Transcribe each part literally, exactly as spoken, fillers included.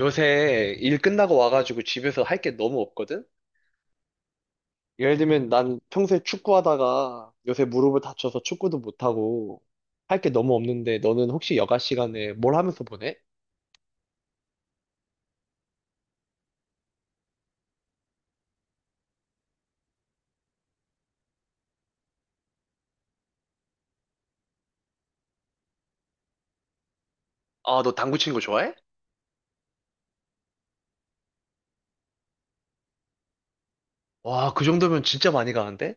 요새 일 끝나고 와가지고 집에서 할 게 너무 없거든? 예를 들면 난 평소에 축구하다가 요새 무릎을 다쳐서 축구도 못하고 할 게 너무 없는데 너는 혹시 여가 시간에 뭘 하면서 보내? 아, 너 당구 치는 거 좋아해? 와, 그 정도면 진짜 많이 가는데?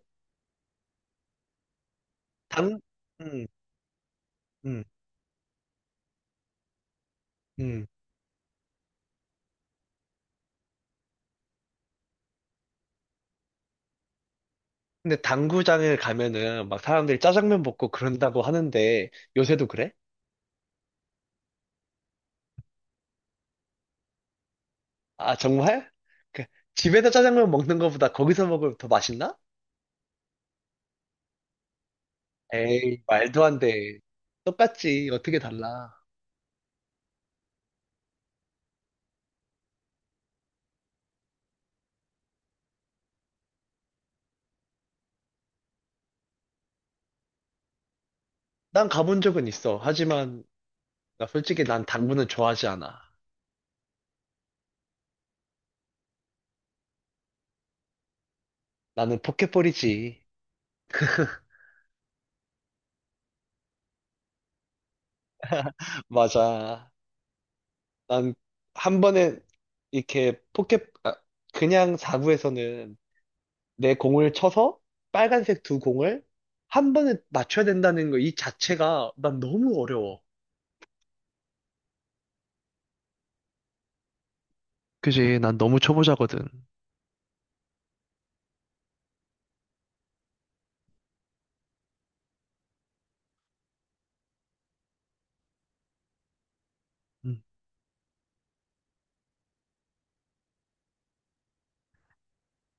당, 음, 음, 음. 근데 당구장을 가면은 막 사람들이 짜장면 먹고 그런다고 하는데 요새도 그래? 아, 정말? 그, 집에서 짜장면 먹는 거보다 거기서 먹으면 더 맛있나? 에이, 말도 안 돼. 똑같지. 어떻게 달라. 난 가본 적은 있어. 하지만, 나 솔직히 난 당구는 좋아하지 않아. 나는 포켓볼이지. 맞아. 난 한 번에 이렇게 포켓, 그냥 사구에서는 내 공을 쳐서 빨간색 두 공을 한 번에 맞춰야 된다는 거 이 자체가 난 너무 어려워. 그지, 난 너무 초보자거든. 음,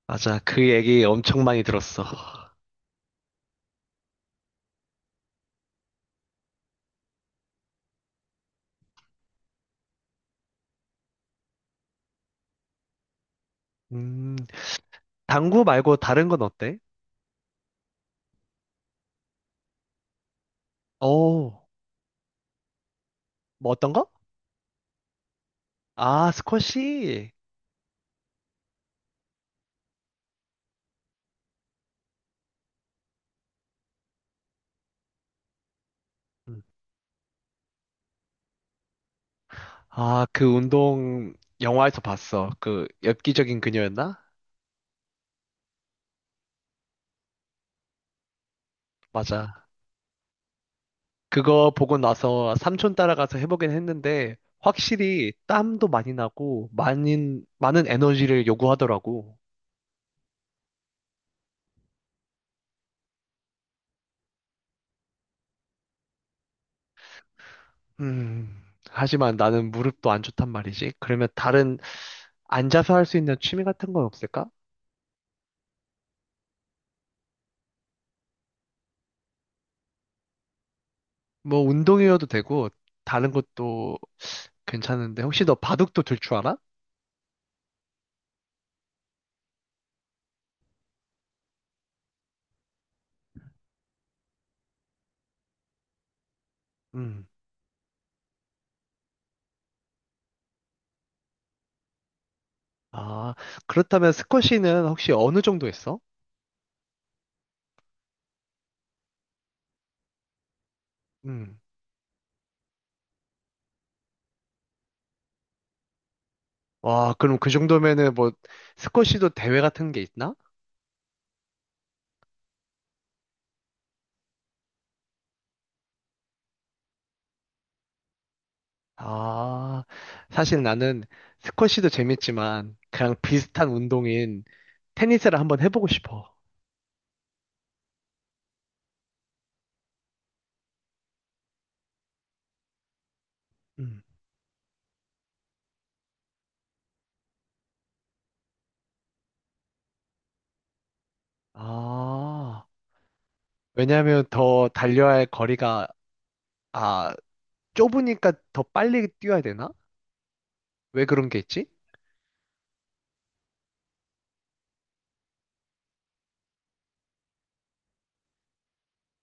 맞아, 그 얘기 엄청 많이 들었어. 음, 당구 말고 다른 건 어때? 어, 뭐 어떤 거? 아, 스쿼시. 음. 아, 그 운동 영화에서 봤어. 그 엽기적인 그녀였나? 맞아. 그거 보고 나서 삼촌 따라가서 해보긴 했는데 확실히 땀도 많이 나고 많은 많은 에너지를 요구하더라고. 음. 하지만 나는 무릎도 안 좋단 말이지. 그러면 다른 앉아서 할 수 있는 취미 같은 건 없을까? 뭐 운동이어도 되고 다른 것도 괜찮은데 혹시 너 바둑도 들 줄 알아? 음 아, 그렇다면 스쿼시는 혹시 어느 정도 했어? 음. 와, 그럼 그 정도면은 뭐 스쿼시도 대회 같은 게 있나? 아, 사실 나는 스쿼시도 재밌지만 그냥 비슷한 운동인 테니스를 한번 해보고 싶어. 음. 아, 왜냐하면 더 달려야 할 거리가 아, 좁으니까 더 빨리 뛰어야 되나? 왜 그런 게 있지?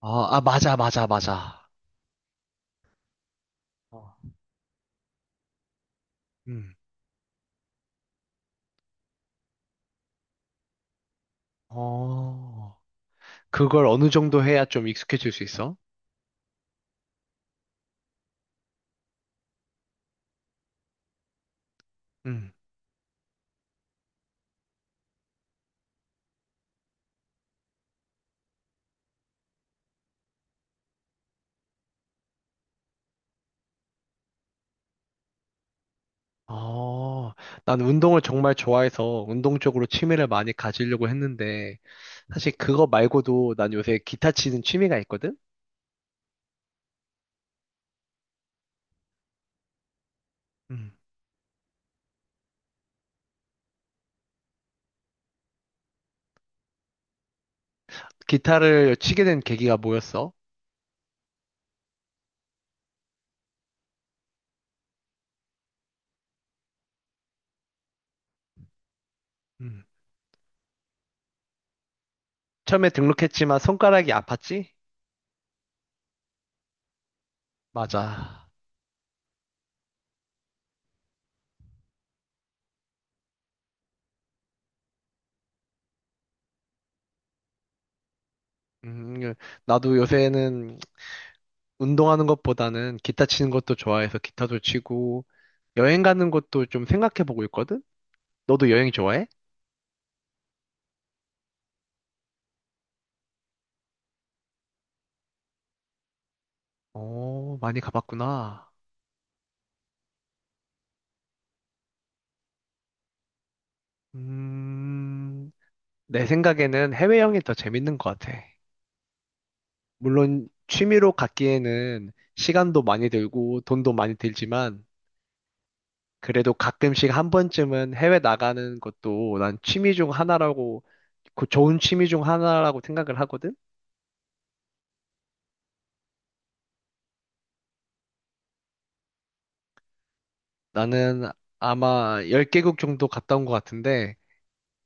아, 아 맞아, 맞아, 맞아. 어. 음. 어. 그걸 어느 정도 해야 좀 익숙해질 수 있어? 음. 어, 난 운동을 정말 좋아해서 운동 쪽으로 취미를 많이 가지려고 했는데, 사실 그거 말고도 난 요새 기타 치는 취미가 있거든? 음. 기타를 치게 된 계기가 뭐였어? 음. 처음에 등록했지만 손가락이 아팠지? 맞아. 음, 나도 요새는 운동하는 것보다는 기타 치는 것도 좋아해서 기타도 치고, 여행 가는 것도 좀 생각해보고 있거든? 너도 여행 좋아해? 어, 많이 가봤구나. 음, 내 생각에는 해외여행이 더 재밌는 것 같아. 물론 취미로 갖기에는 시간도 많이 들고 돈도 많이 들지만 그래도 가끔씩 한 번쯤은 해외 나가는 것도 난 취미 중 하나라고, 그 좋은 취미 중 하나라고 생각을 하거든? 나는 아마 십 개국 정도 갔다 온 것 같은데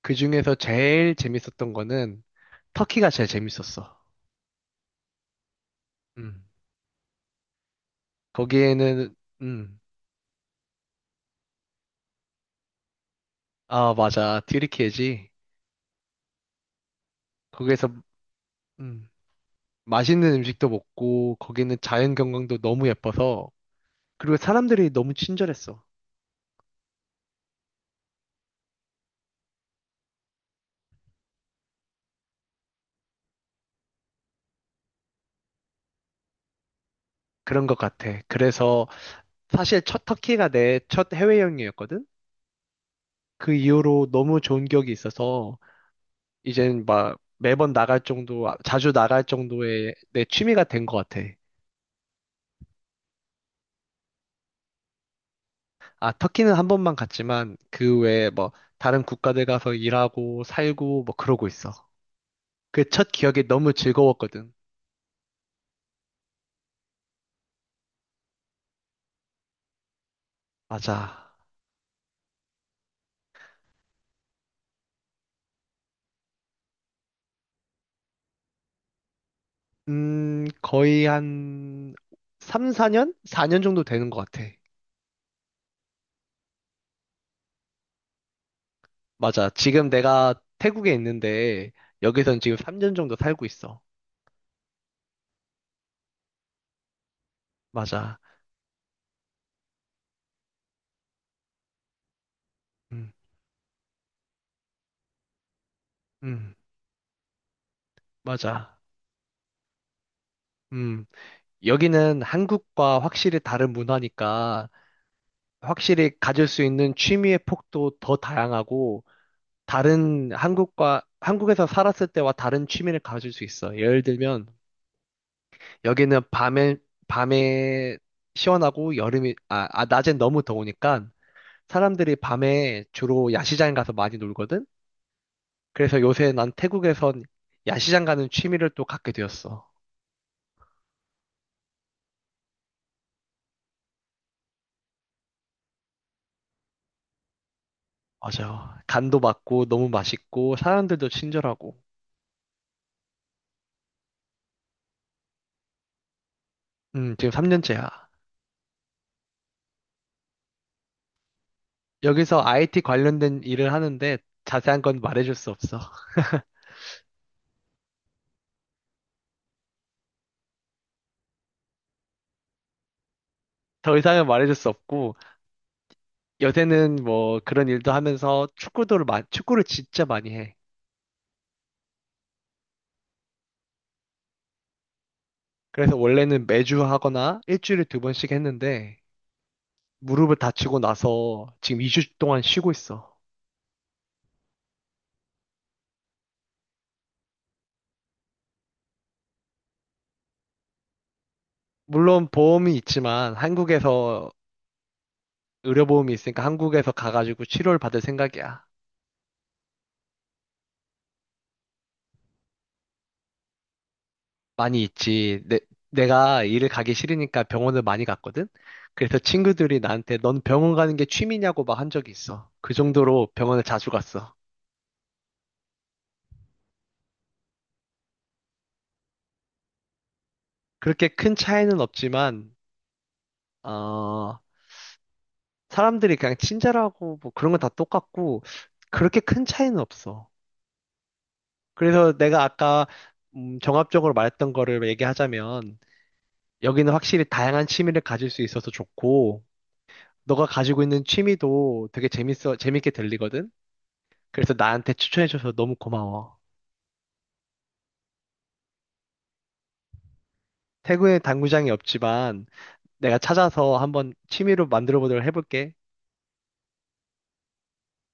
그 중에서 제일 재밌었던 거는 터키가 제일 재밌었어. 음. 거기에는, 음. 아, 맞아. 튀르키예지. 거기에서 음, 맛있는 음식도 먹고 거기는 자연 경관도 너무 예뻐서 그리고 사람들이 너무 친절했어. 그런 것 같아. 그래서 사실 첫 터키가 내 첫 해외여행이었거든. 그 이후로 너무 좋은 기억이 있어서 이젠 막 매번 나갈 정도, 아, 자주 나갈 정도의 내 취미가 된 것 같아. 아, 터키는 한 번만 갔지만 그 외에 뭐 다른 국가들 가서 일하고 살고 뭐 그러고 있어. 그 첫 기억이 너무 즐거웠거든. 맞아. 음, 거의 한 삼, 사 년? 사 년 정도 되는 것 같아. 맞아. 지금 내가 태국에 있는데, 여기선 지금 삼 년 정도 살고 있어. 맞아. 음, 음, 맞아. 음, 여기는 한국과 확실히 다른 문화니까, 확실히 가질 수 있는 취미의 폭도 더 다양하고, 다른 한국과, 한국에서 살았을 때와 다른 취미를 가질 수 있어. 예를 들면, 여기는 밤에, 밤에 시원하고 여름이, 아, 아, 낮엔 너무 더우니까 사람들이 밤에 주로 야시장 가서 많이 놀거든? 그래서 요새 난 태국에선 야시장 가는 취미를 또 갖게 되었어. 맞아. 간도 맞고 너무 맛있고 사람들도 친절하고. 음, 지금 삼 년째야. 여기서 아이티 관련된 일을 하는데 자세한 건 말해줄 수 없어. 더 이상은 말해줄 수 없고 요새는 뭐 그런 일도 하면서 축구도를, 마- 축구를 진짜 많이 해. 그래서 원래는 매주 하거나 일주일에 두 번씩 했는데 무릎을 다치고 나서 지금 이 주 동안 쉬고 있어. 물론 보험이 있지만 한국에서 의료보험이 있으니까 한국에서 가가지고 치료를 받을 생각이야. 많이 있지. 내, 내가 일을 가기 싫으니까 병원을 많이 갔거든. 그래서 친구들이 나한테 넌 병원 가는 게 취미냐고 막 한 적이 있어. 그 정도로 병원을 자주 갔어. 그렇게 큰 차이는 없지만 어, 사람들이 그냥 친절하고 뭐 그런 건 다 똑같고 그렇게 큰 차이는 없어. 그래서 내가 아까 음, 종합적으로 말했던 거를 얘기하자면 여기는 확실히 다양한 취미를 가질 수 있어서 좋고 너가 가지고 있는 취미도 되게 재밌어 재밌게 들리거든. 그래서 나한테 추천해줘서 너무 고마워. 태국에 당구장이 없지만 내가 찾아서 한번 취미로 만들어 보도록 해볼게.